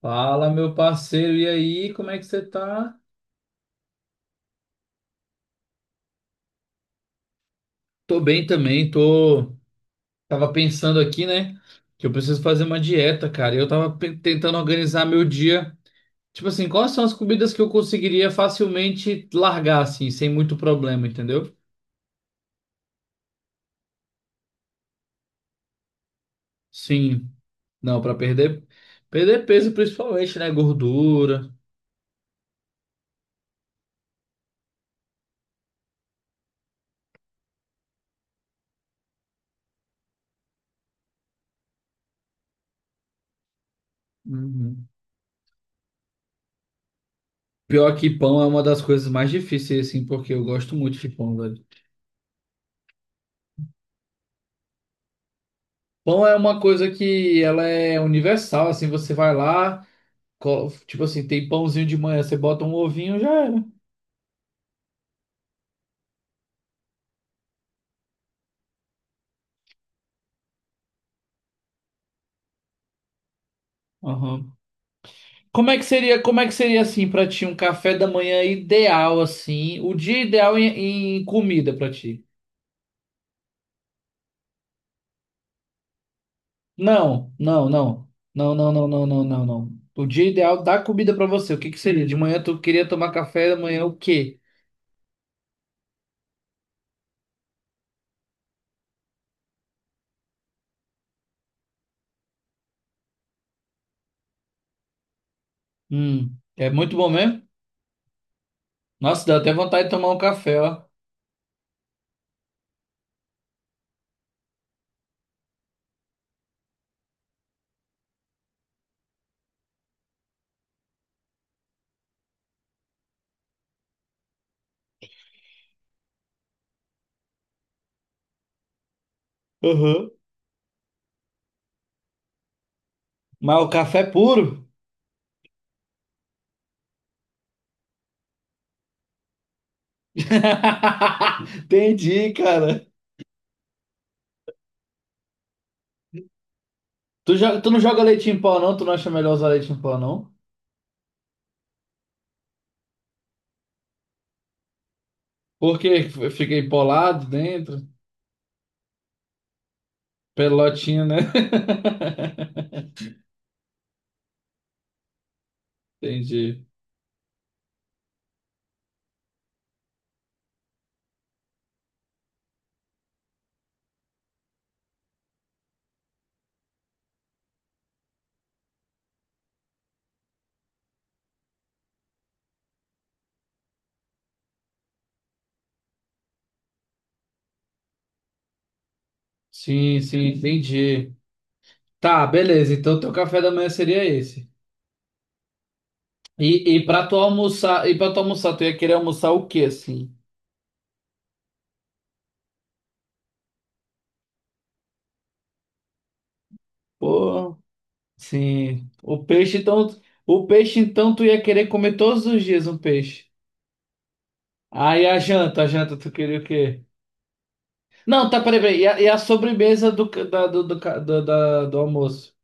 Fala, meu parceiro, e aí, como é que você tá? Tô bem também, tô. Tava pensando aqui, né, que eu preciso fazer uma dieta, cara. Eu tava tentando organizar meu dia. Tipo assim, quais são as comidas que eu conseguiria facilmente largar, assim, sem muito problema, entendeu? Sim, não, pra perder. Perder peso, principalmente, né? Gordura. Uhum. Pior que pão é uma das coisas mais difíceis, assim, porque eu gosto muito de pão, velho. Pão é uma coisa que ela é universal, assim, você vai lá. Tipo assim, tem pãozinho de manhã, você bota um ovinho, já era. Aham. Como é que seria, como é que seria assim pra ti um café da manhã ideal assim, o dia ideal em comida pra ti? Não, não, não. Não, não, não, não, não, não, não. O dia ideal da comida pra você. O que que seria? De manhã tu queria tomar café da manhã o quê? É muito bom mesmo? Nossa, dá até vontade de tomar um café, ó. Uhum. Mas o café é puro? Entendi, cara. Tu não joga leite em pó, não? Tu não acha melhor usar leite em pó, não? Porque eu fiquei polado dentro. Pelotinha, né? Entendi. Sim, sim, entendi. Tá, beleza. Então teu café da manhã seria esse. E pra tu almoçar, e pra tu almoçar, tu ia querer almoçar o quê, assim? Pô, sim. O peixe, então. O peixe, então, tu ia querer comer todos os dias um peixe. Ah, e a janta, tu queria o quê? Não, tá, peraí, peraí. E a sobremesa do, ca- da, do, do, ca- do, da- do almoço?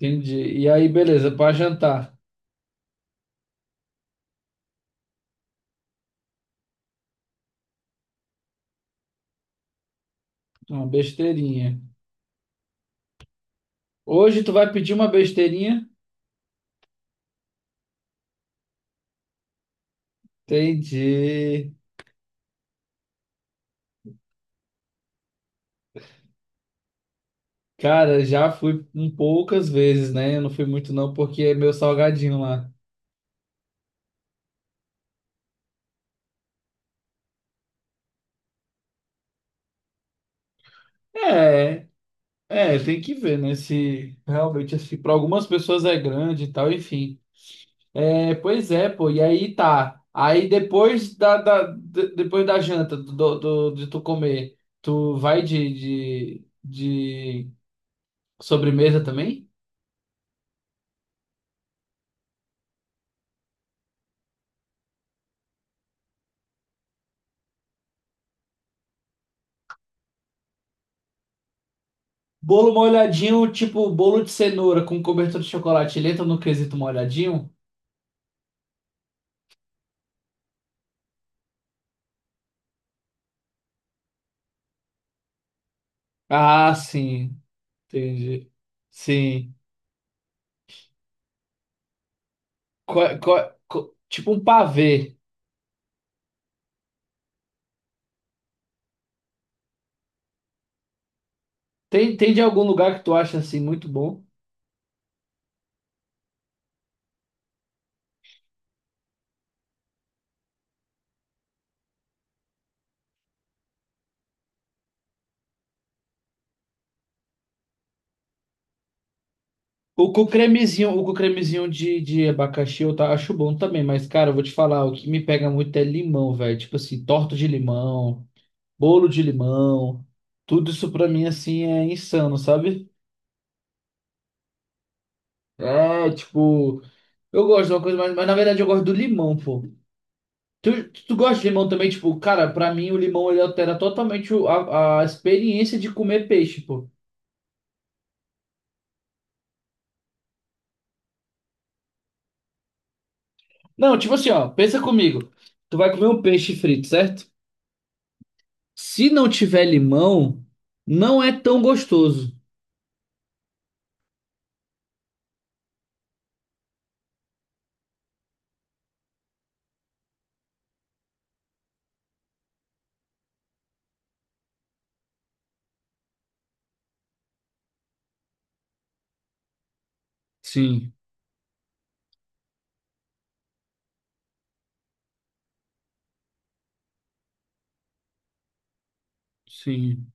Entendi. E aí, beleza, para jantar. Uma besteirinha. Hoje tu vai pedir uma besteirinha? Entendi. Cara, já fui um poucas vezes, né? Eu não fui muito não, porque é meu salgadinho lá. É, é, tem que ver, né? Se realmente, assim, para algumas pessoas é grande e tal, enfim. É, pois é, pô, e aí tá. Aí depois depois da janta, de tu comer, tu vai de sobremesa também? Bolo molhadinho, tipo bolo de cenoura com cobertura de chocolate. Ele entra no quesito molhadinho? Ah, sim. Entendi. Sim. Tipo um pavê. Tem, tem de algum lugar que tu acha assim muito bom? O com cremezinho de abacaxi eu tá, acho bom também, mas cara, eu vou te falar, o que me pega muito é limão, velho. Tipo assim, torta de limão, bolo de limão, tudo isso pra mim assim é insano, sabe? É, tipo. Eu gosto de uma coisa, mas na verdade eu gosto do limão, pô. Tu gosta de limão também? Tipo, cara, pra mim o limão ele altera totalmente a experiência de comer peixe, pô. Não, tipo assim, ó, pensa comigo. Tu vai comer um peixe frito, certo? Se não tiver limão, não é tão gostoso. Sim, sim.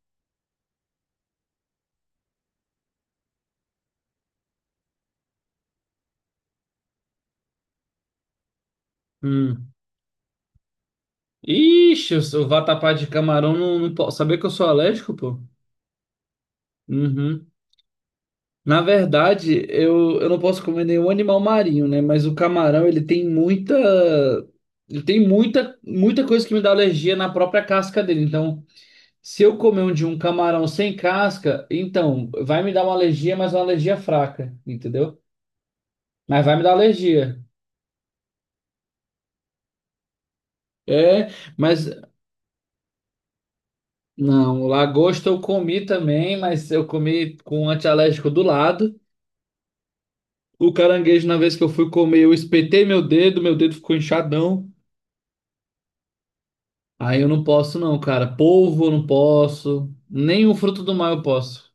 Hum. Ixi, eu sou vatapá de camarão, não, não posso. Saber que eu sou alérgico, pô? Uhum. Na verdade, eu não posso comer nenhum animal marinho, né? Mas o camarão, ele tem muita. Ele tem muita, muita coisa que me dá alergia na própria casca dele. Então, se eu comer um de um camarão sem casca, então, vai me dar uma alergia, mas uma alergia fraca, entendeu? Mas vai me dar alergia. É, mas. Não, lagosta eu comi também, mas eu comi com um antialérgico do lado. O caranguejo, na vez que eu fui comer, eu espetei meu dedo ficou inchadão. Aí eu não posso não, cara. Polvo eu não posso. Nem o fruto do mar eu posso.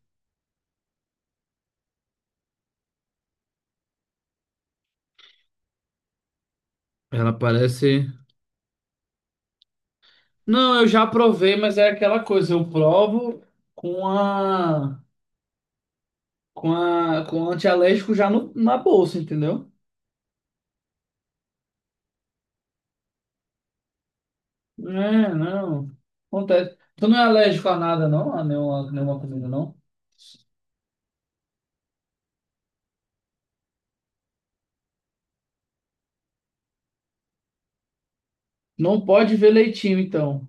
Ela parece. Não, eu já provei, mas é aquela coisa. Eu provo com a. Com a. Com o antialérgico já na bolsa, entendeu? É, não. Acontece. Tu não é alérgico a nada, não? A nenhuma, nenhuma comida, não? Não pode ver leitinho, então.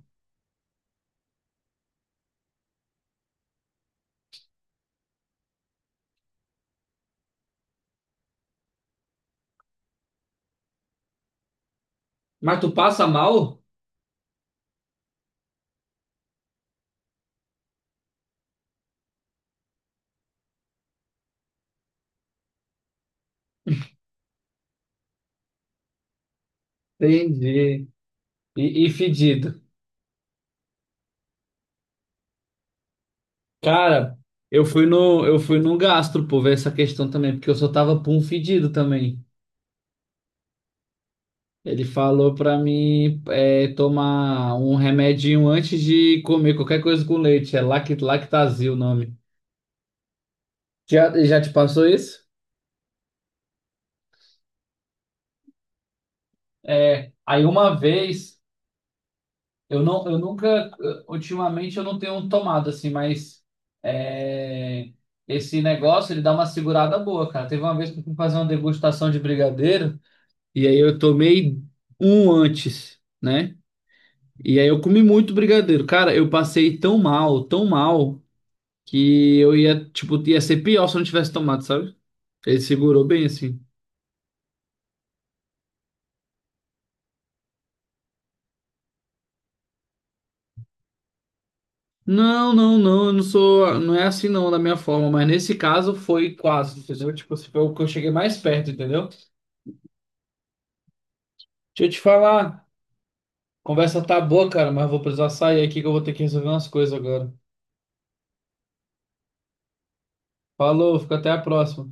Mas tu passa mal? Entendi. E fedido. Cara, eu fui no gastro por ver essa questão também, porque eu só tava pum fedido também. Ele falou pra mim é, tomar um remedinho antes de comer qualquer coisa com leite. É Lact, Lactazil o nome. Já, já te passou isso? É, aí uma vez, eu não, eu nunca, ultimamente eu não tenho tomado assim, mas é, esse negócio ele dá uma segurada boa, cara. Teve uma vez que eu fui fazer uma degustação de brigadeiro. E aí eu tomei um antes, né? E aí eu comi muito brigadeiro. Cara, eu passei tão mal, que eu ia, tipo, ia ser pior se eu não tivesse tomado, sabe? Ele segurou bem assim. Não, não, não, eu não sou, não é assim não, da minha forma, mas nesse caso foi quase, entendeu? Tipo, assim, foi o que eu cheguei mais perto, entendeu? Deixa eu te falar, conversa tá boa, cara, mas vou precisar sair aqui que eu vou ter que resolver umas coisas agora. Falou, fica até a próxima.